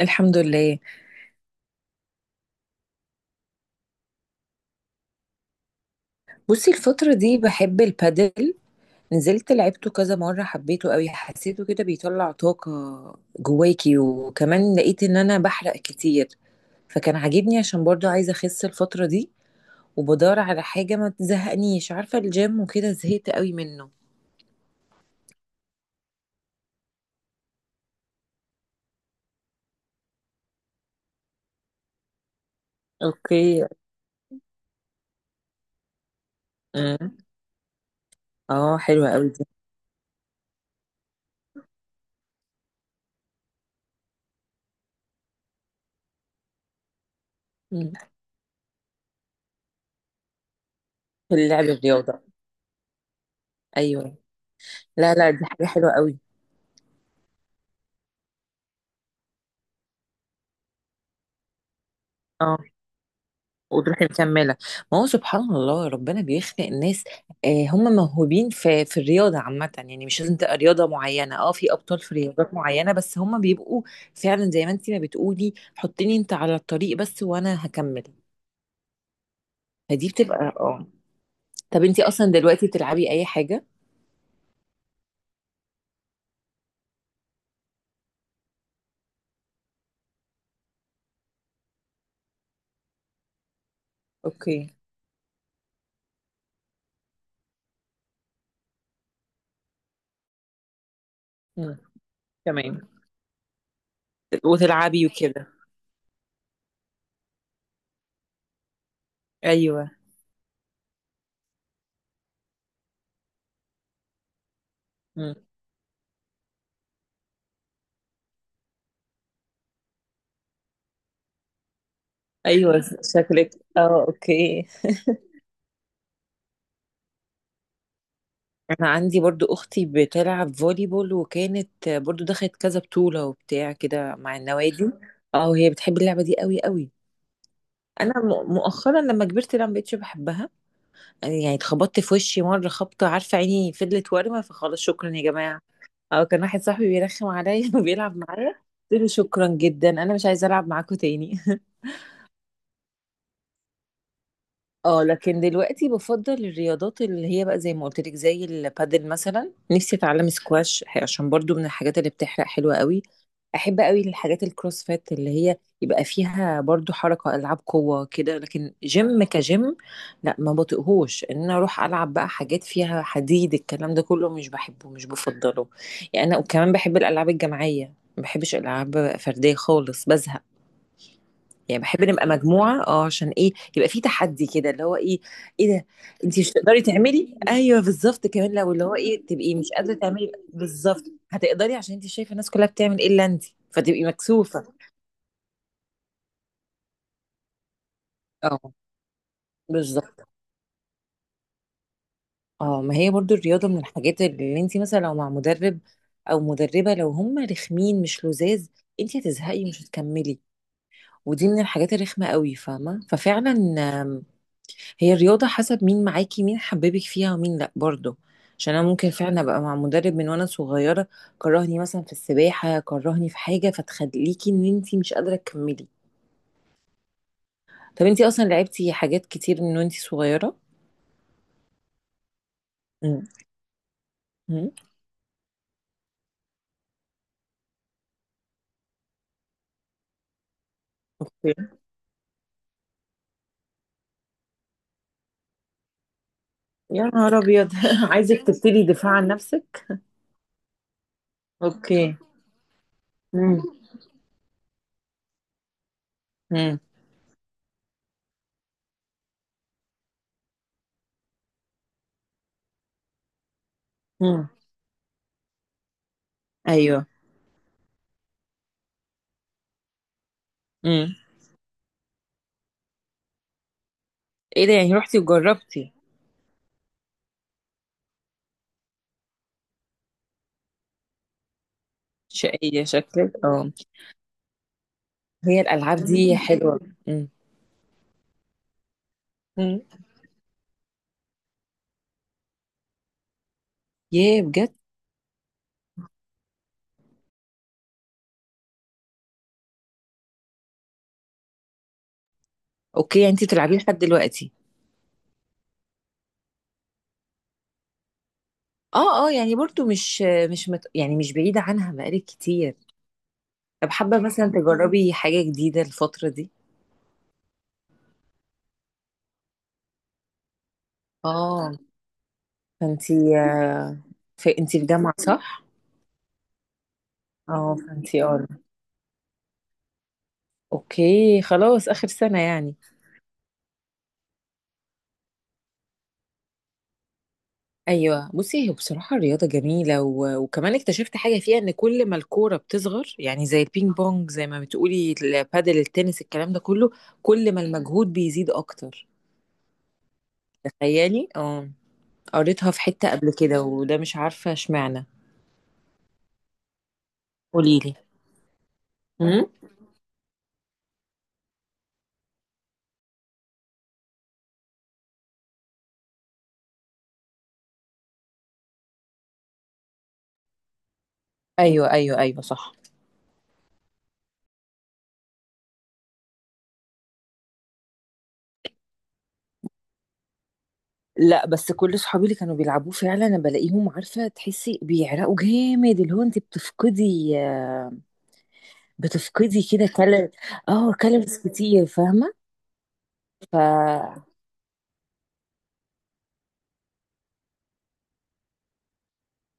الحمد لله. بصي، الفترة دي بحب البادل. نزلت لعبته كذا مرة، حبيته قوي، حسيته كده بيطلع طاقة جواكي، وكمان لقيت ان انا بحرق كتير. فكان عاجبني عشان برضو عايزة اخس الفترة دي، وبدور على حاجة ما تزهقنيش، عارفة الجيم وكده زهقت قوي منه. اوكي. أمم. اه حلوة قوي دي. أمم. في اللعب، الرياضة. ايوه. لا لا، دي حاجة حلوة قوي. وتروحي مكمله. ما هو سبحان الله، ربنا بيخلق ناس، آه، هم موهوبين في الرياضه عامه، يعني مش لازم تبقى رياضه معينه. اه، في ابطال في رياضات معينه، بس هم بيبقوا فعلا زي ما انت ما بتقولي، حطيني انت على الطريق بس وانا هكمل. فدي بتبقى، اه، طب انت اصلا دلوقتي بتلعبي اي حاجه؟ اوكي. مم. تمام. وتلعبي وكده. ايوه. مم. ايوه، شكلك. اه، اوكي. انا عندي برضو اختي بتلعب فولي بول، وكانت برضو دخلت كذا بطولة وبتاع كده مع النوادي. اه، وهي بتحب اللعبة دي قوي قوي. انا مؤخرا لما كبرت لا ما بقتش بحبها، يعني اتخبطت في وشي مرة خبطة، عارفة عيني فضلت وارمة، فخلاص شكرا يا جماعة. او كان واحد صاحبي بيرخم عليا وبيلعب معايا، قلت له شكرا جدا، انا مش عايزة العب معاكم تاني اه، لكن دلوقتي بفضل الرياضات اللي هي بقى زي ما قلت لك، زي البادل مثلا. نفسي اتعلم سكواش، عشان برضو من الحاجات اللي بتحرق حلوة قوي. احب قوي الحاجات الكروسفيت اللي هي يبقى فيها برضو حركة، العاب قوة كده، لكن جيم كجيم لا، ما بطيقهوش ان انا اروح العب بقى حاجات فيها حديد، الكلام ده كله مش بحبه، مش بفضله. يعني انا وكمان بحب الالعاب الجماعية، ما بحبش العاب فردية خالص، بزهق. يعني بحب نبقى مجموعة، اه، عشان ايه؟ يبقى في تحدي كده اللي هو ايه. ايه ده؟ انت مش تقدري تعملي. ايوه بالظبط، كمان لو اللي هو ايه، تبقي مش قادرة تعملي بالظبط هتقدري، عشان انت شايفة الناس كلها بتعمل ايه الا انت، فتبقي مكسوفة. اه، بالظبط. اه، ما هي برضو الرياضة من الحاجات اللي انت مثلا لو مع مدرب او مدربة، لو هم رخمين مش لذاذ، انت هتزهقي مش هتكملي. ودي من الحاجات الرخمة قوي، فاهمة؟ ففعلا هي الرياضة حسب مين معاكي، مين حببك فيها ومين لأ برضه. عشان أنا ممكن فعلا أبقى مع مدرب من وأنا صغيرة كرهني مثلا في السباحة، كرهني في حاجة، فتخليكي إن أنتي مش قادرة تكملي. طب أنتي أصلا لعبتي حاجات كتير من وأنتي صغيرة؟ مم. مم. أوكي. يا نهار أبيض عايزك تبتدي دفاع عن نفسك؟ أوكي. مم. مم. مم. أيوه. مم. إيه ده، يعني رحتي وجربتي؟ شقية شكلك، اه. هي الألعاب دي حلوة. مم. مم. ياه، بجد؟ اوكي، يعني انت بتلعبيه لحد دلوقتي؟ اه اه، يعني برضو مش مش مت... يعني مش بعيدة عنها بقالك كتير. طب حابة مثلا تجربي حاجة جديدة الفترة دي؟ اه، فانت، في انت في جامعة صح؟ اه، فانت، اه، اوكي، خلاص اخر سنة يعني. ايوه. بصي، هي بصراحة الرياضة جميلة وكمان اكتشفت حاجة فيها، ان كل ما الكورة بتصغر، يعني زي البينج بونج، زي ما بتقولي البادل، التنس، الكلام ده كله، كل ما المجهود بيزيد اكتر. تخيلي، اه، قريتها في حتة قبل كده، وده مش عارفة اشمعنى. قوليلي. امم. ايوه ايوه ايوه، صح. لا بس كل صحابي اللي كانوا بيلعبوه، فعلا انا بلاقيهم، عارفه تحسي بيعرقوا جامد، اللي هو انت بتفقدي، بتفقدي كده كالوري. اه، كالوريز كتير، فاهمه؟ ف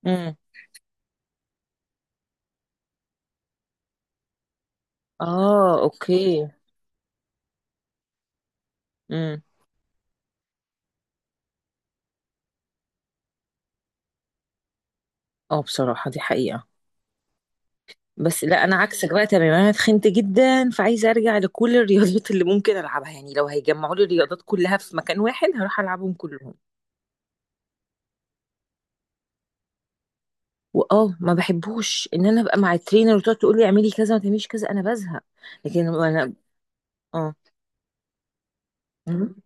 امم. اه، اوكي. امم. اه، بصراحه دي حقيقه. بس لا، انا عكسك بقى تماما، انا اتخنت جدا، فعايزه ارجع لكل الرياضات اللي ممكن العبها. يعني لو هيجمعوا لي الرياضات كلها في مكان واحد هروح العبهم كلهم. واه، ما بحبوش ان انا ابقى مع الترينر وتقعد تقول لي اعملي كذا ما تعمليش كذا، انا بزهق. لكن انا، اه، مم.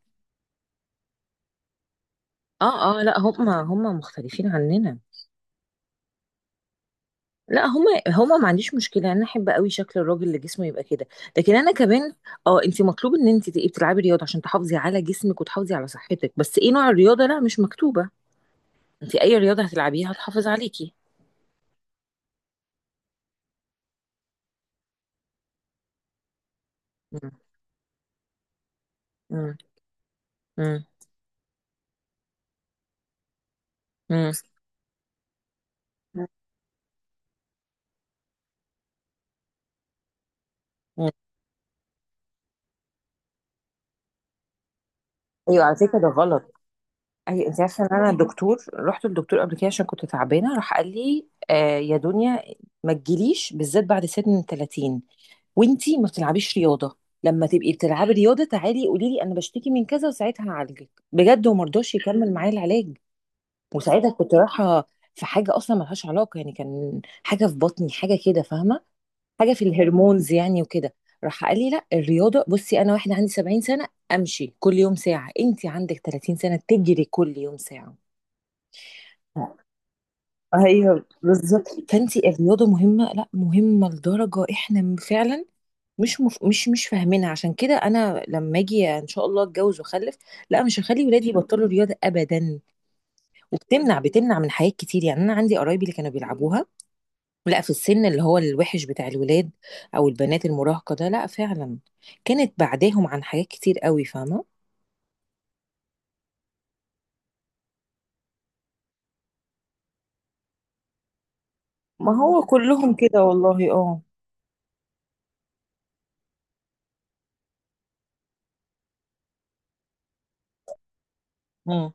اه اه، لا، هم مختلفين عننا. لا، هم ما عنديش مشكله، انا احب قوي شكل الراجل اللي جسمه يبقى كده. لكن انا كمان، اه، انت مطلوب ان انت تبقي بتلعبي رياضه عشان تحافظي على جسمك وتحافظي على صحتك، بس ايه نوع الرياضه لا، مش مكتوبه. انت اي رياضه هتلعبيها هتحافظ عليكي. مم. مم. مم. مم. مم. ايوه، على فكره ده غلط. اي، انت عارفه ان انا رحت للدكتور قبل كده، عشان كنت تعبانه، راح قال لي: آه يا دنيا، ما تجيليش بالذات بعد سن 30 وانتي ما بتلعبيش رياضه. لما تبقي بتلعبي رياضه تعالي قولي لي انا بشتكي من كذا وساعتها هعالجك بجد. وما رضاش يكمل معايا العلاج. وساعتها كنت رايحه في حاجه اصلا ملهاش علاقه، يعني كان حاجه في بطني، حاجه كده، فاهمه، حاجه في الهرمونز يعني وكده. راح قال لي: لا، الرياضه، بصي انا واحده عندي 70 سنه امشي كل يوم ساعه، انت عندك 30 سنه تجري كل يوم ساعه. ايوه بالظبط. فانت الرياضه مهمه، لا، مهمه لدرجه احنا فعلا مش مف... مش مش فاهمينها. عشان كده انا لما اجي ان شاء الله اتجوز واخلف، لا مش هخلي ولادي يبطلوا رياضه ابدا. وبتمنع بتمنع من حاجات كتير يعني، انا عندي قرايبي اللي كانوا بيلعبوها، لا، في السن اللي هو الوحش بتاع الولاد او البنات المراهقه، ده لا فعلا كانت بعداهم عن حاجات كتير قوي، فاهمه. ما هو كلهم كده والله، اه. امم.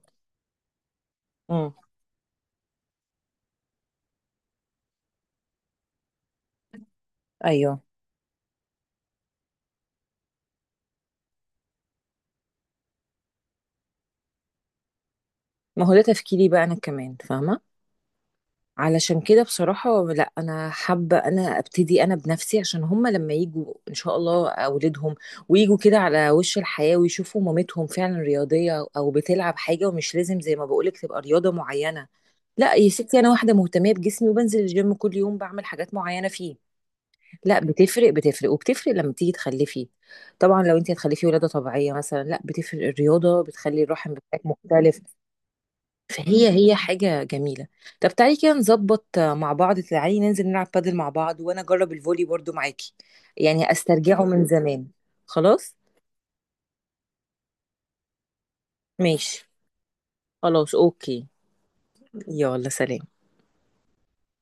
امم. ايوه. ما هو ده تفكيري بقى انا كمان، فاهمه. علشان كده بصراحة، لا، أنا حابة أنا أبتدي أنا بنفسي، عشان هما لما يجوا إن شاء الله أولادهم ويجوا كده على وش الحياة، ويشوفوا مامتهم فعلا رياضية أو بتلعب حاجة، ومش لازم زي ما بقولك تبقى رياضة معينة. لا يا ستي، أنا واحدة مهتمية بجسمي وبنزل الجيم كل يوم، بعمل حاجات معينة فيه. لا بتفرق، بتفرق، وبتفرق لما تيجي تخلفي، طبعا لو أنت هتخلفي ولادة طبيعية مثلا، لا بتفرق، الرياضة بتخلي الرحم بتاعك مختلف. فهي حاجة جميلة. طب تعالي كده نظبط، مع بعض تعالي ننزل نلعب بادل مع بعض، وانا اجرب الفولي برضو معاكي، يعني استرجعه من زمان. خلاص، ماشي. خلاص، اوكي. يلا، سلام.